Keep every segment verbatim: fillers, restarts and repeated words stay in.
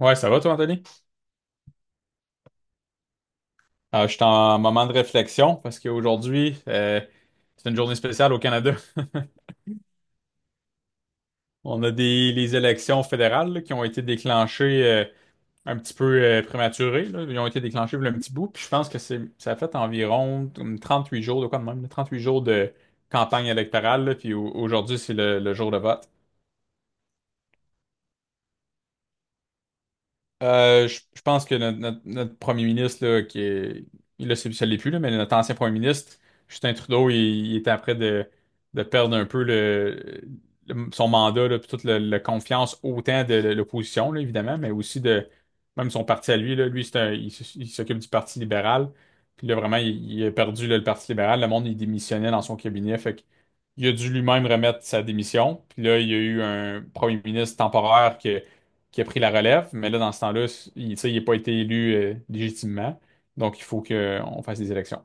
Ouais, ça va toi, Anthony? Euh, je suis en moment de réflexion parce qu'aujourd'hui, euh, c'est une journée spéciale au Canada. On a des les élections fédérales là, qui ont été déclenchées euh, un petit peu euh, prématurées. Là. Ils ont été déclenchées il y a un petit bout. Puis je pense que c'est ça a fait environ comme huit jours, de quoi de même, là, huit jours de campagne électorale. Là. Puis au- aujourd'hui, c'est le, le jour de vote. Euh, je, je pense que notre, notre- notre premier ministre, là, qui est, il là, c'est- ça l'est plus, là, mais notre ancien premier ministre, Justin Trudeau, il, il était après de, de perdre un peu le, le- son mandat, là, puis toute la, la confiance autant de l'opposition, là, évidemment, mais aussi de même son parti à lui, là. Lui, c'est un- il, s- il s'occupe du Parti libéral. Puis là, vraiment, il, il a perdu, là, le Parti libéral. Le monde, il démissionnait dans son cabinet. Fait que il a dû lui-même remettre sa démission. Puis là, il y a eu un premier ministre temporaire qui a pris la relève, mais là, dans ce temps-là, il, tu sais, il n'a pas été élu euh, légitimement. Donc, il faut qu'on fasse des élections.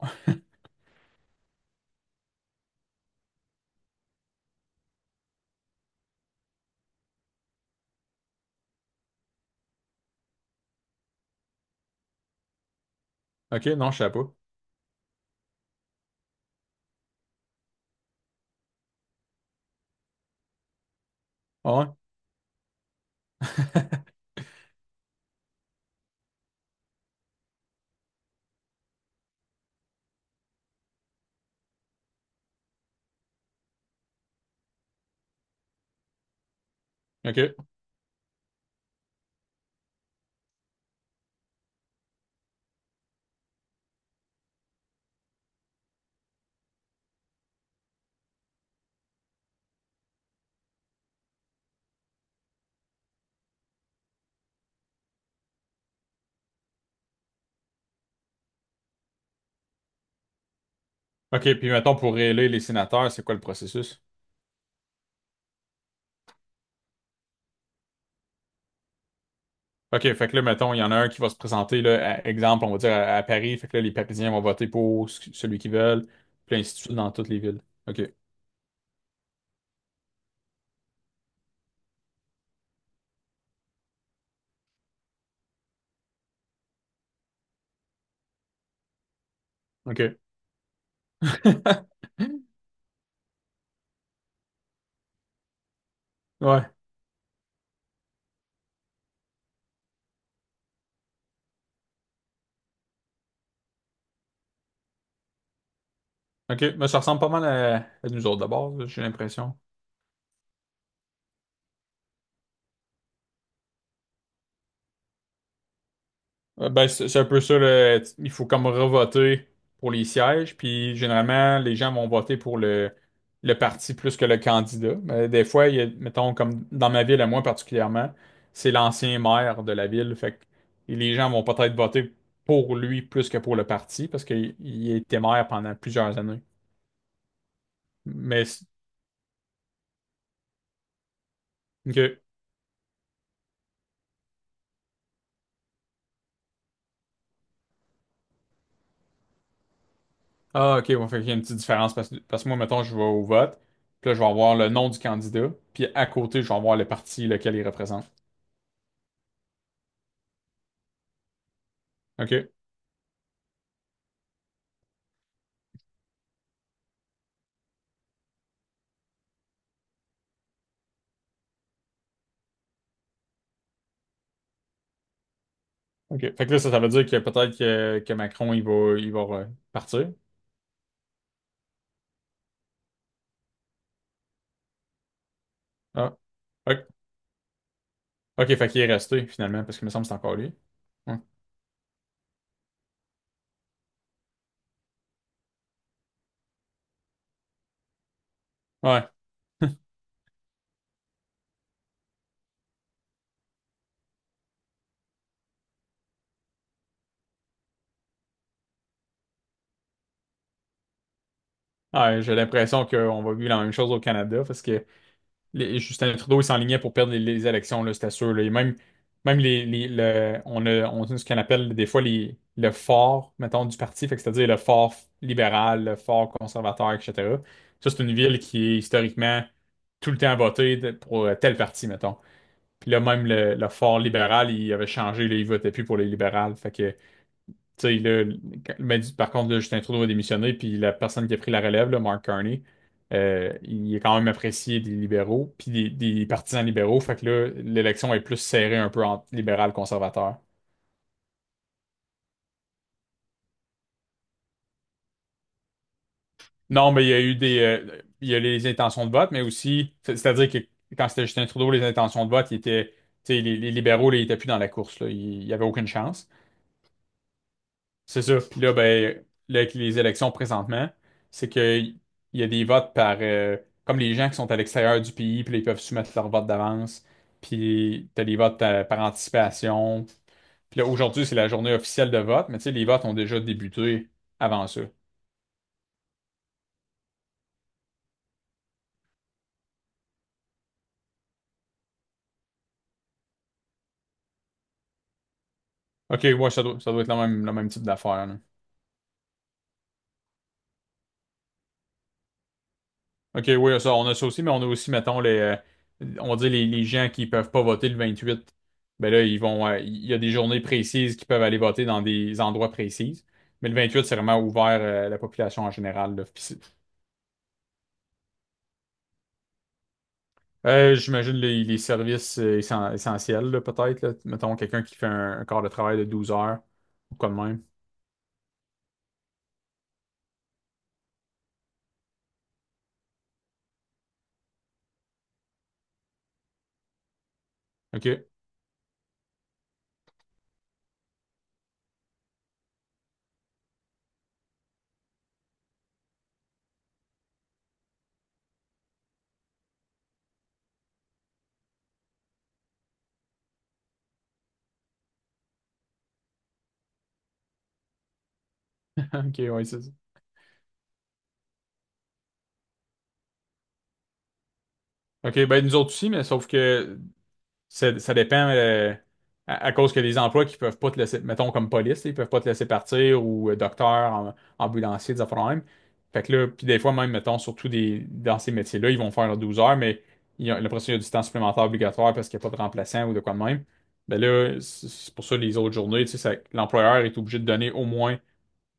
OK, non, je ne savais pas. Ah ouais? OK. OK, puis mettons, pour élire les sénateurs, c'est quoi le processus? OK, fait que là, mettons, il y en a un qui va se présenter, là, à- exemple, on va dire à, à Paris, fait que là, les Parisiens vont voter pour ce- celui qu'ils veulent, puis ainsi de suite dans toutes les villes. OK. OK. Ouais. OK, mais ça ressemble pas mal à, à nous autres d'abord, j'ai l'impression. Euh, Ben, c'est c'est un peu ça, là. Il faut comme revoter pour les sièges, puis généralement, les gens vont voter pour le, le parti plus que le candidat. Mais des fois, il y a, mettons, comme dans ma ville, à moi particulièrement, c'est l'ancien maire de la ville. Fait que et les gens vont peut-être voter pour lui plus que pour le parti, parce qu'il il était maire pendant plusieurs années. Mais, c'est- ok. Ah, ok, on fait qu'il y a une petite différence, parce, que- parce que moi, mettons, je vais au vote, puis là, je vais avoir le nom du candidat, puis à côté, je vais avoir le parti lequel il représente. OK. OK. Fait que là, ça, ça veut dire que peut-être que, que Macron, il va, il va euh, partir. Ah. OK. OK, fait qu'il est resté, finalement, parce qu'il me semble que c'est encore lui. Ouais. Ouais. Ouais, j'ai l'impression qu'on va vivre la même chose au Canada parce que les- Justin Trudeau, il s'enlignait pour perdre les, les élections, là, c'était sûr. Là. Et même, même les, les- le- on a, on a ce qu'on appelle des fois les, le fort, mettons, du parti, fait que c'est-à-dire le fort libéral, le fort conservateur, et cetera. Ça, c'est une ville qui est historiquement tout le temps votée de- pour euh, tel parti, mettons. Puis là, même le, le fort libéral, il avait changé, là, il votait plus pour les libérales. Fait que, tu sais, là, quand- mais du- par contre, là, Justin Trudeau a démissionné, puis la personne qui a pris la relève, là, Mark Carney, euh, il est quand même apprécié des libéraux, puis des, des partisans libéraux. Fait que là, l'élection est plus serrée un peu entre libéral conservateur. Non, mais il y a eu des, euh, il y a les intentions de vote, mais aussi, c'est- c'est-à-dire que quand c'était Justin Trudeau, les intentions de vote, il était, tu sais, les, les libéraux, là, ils étaient plus dans la course, là, il n'y avait aucune chance. C'est ça. Puis là, ben, là, avec les élections présentement, c'est que il y a des votes par euh, comme les gens qui sont à l'extérieur du pays, puis là, ils peuvent soumettre leur vote d'avance. Puis t'as des votes euh, par anticipation. Puis là, aujourd'hui, c'est la journée officielle de vote, mais tu sais, les votes ont déjà débuté avant ça. OK, ouais, ça doit, ça doit être le même, le même type d'affaire, là. OK, oui, ça, on a ça aussi, mais on a aussi, mettons, les, euh, on dit les, les gens qui peuvent pas voter le vingt-huit. Ben là, ils vont, euh, il y a des journées précises qui peuvent aller voter dans des endroits précises. Mais le vingt-huit, c'est vraiment ouvert euh, à la population en général. Là. Puis c'est- euh, j'imagine les, les services euh, essen- essentiels, là, peut-être. Là. Mettons, quelqu'un qui fait un, un quart de travail de douze heures ou quoi de même. OK. OK, oui, c'est ça. OK, ben nous autres aussi, mais sauf que Ça, ça dépend euh, à, à cause que les emplois qui peuvent pas te laisser, mettons comme police, ils peuvent pas te laisser partir ou euh, docteur, am- ambulancier, des affaires de même. Fait que là, puis des fois même, mettons, surtout des, dans ces métiers-là, ils vont faire leurs douze heures, mais il y il y a du temps supplémentaire obligatoire parce qu'il n'y a pas de remplaçant ou de quoi de même. Ben là, c'est c'est pour ça les autres journées, tu sais, ça- l'employeur est obligé de donner au moins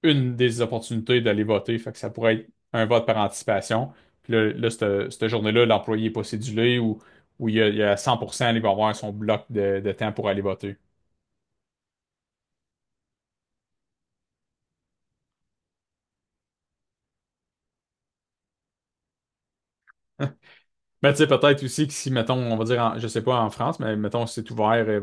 une des opportunités d'aller voter. Fait que ça pourrait être un vote par anticipation. Puis là, là, cette, cette journée-là, l'employé n'est pas cédulé ou, ou il y a, il y a cent pour cent, il va avoir son bloc de, de temps pour aller voter. Mais tu sais, peut-être aussi que si, mettons, on va dire, en- je sais pas en France, mais mettons, si c'est ouvert, euh,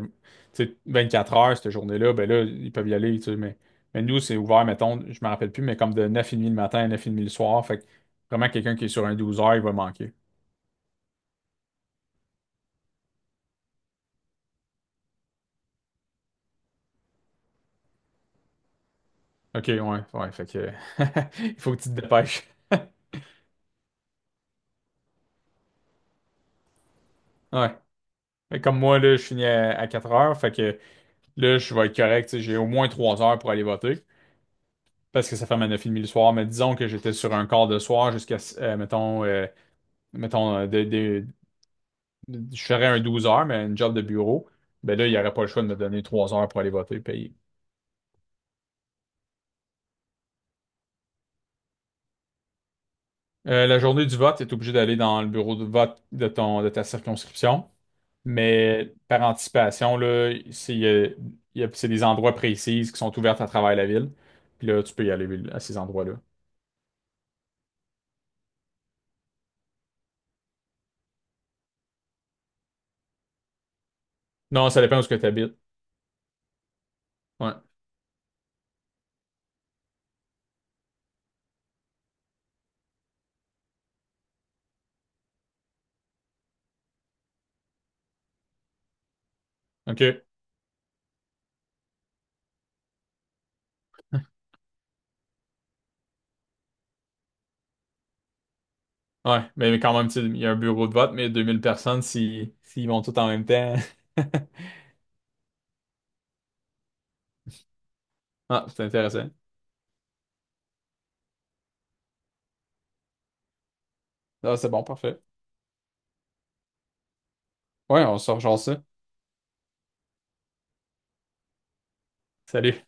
tu sais, vingt-quatre heures, cette journée-là, ben là, ils peuvent y aller, tu sais, mais, mais nous, c'est ouvert, mettons, je me rappelle plus, mais comme de neuf heures trente le matin à neuf heures trente le soir, fait que vraiment, quelqu'un qui est sur un douze heures, il va manquer. OK, ouais, ouais, fait que, il faut que tu te dépêches. Ouais. Mais comme moi, là, je finis à, à quatre heures, fait que là, je vais être correct, tu sais, j'ai au moins trois heures pour aller voter, parce que ça ferme à neuf heures trente le soir, mais disons que j'étais sur un quart de soir jusqu'à, euh, mettons, euh, mettons euh, de, de- de- je ferais un douze heures, mais une job de bureau, ben là, il n'y aurait pas le choix de me donner trois heures pour aller voter, payer. Euh, la journée du vote, tu es obligé d'aller dans le bureau de vote de ton, de ta circonscription, mais par anticipation, là, c'est euh, il y a- c'est des endroits précis qui sont ouverts à travers la ville, puis là, tu peux y aller à ces endroits-là. Non, ça dépend où ce que tu habites. Ouais. OK. Ouais, mais, mais quand même, tu sais, il y a un bureau de vote, mais deux mille personnes, si, s'ils vont tous en même temps. Ah, c'est intéressant. Ah, c'est bon, parfait. Ouais, on sort genre ça. Salut.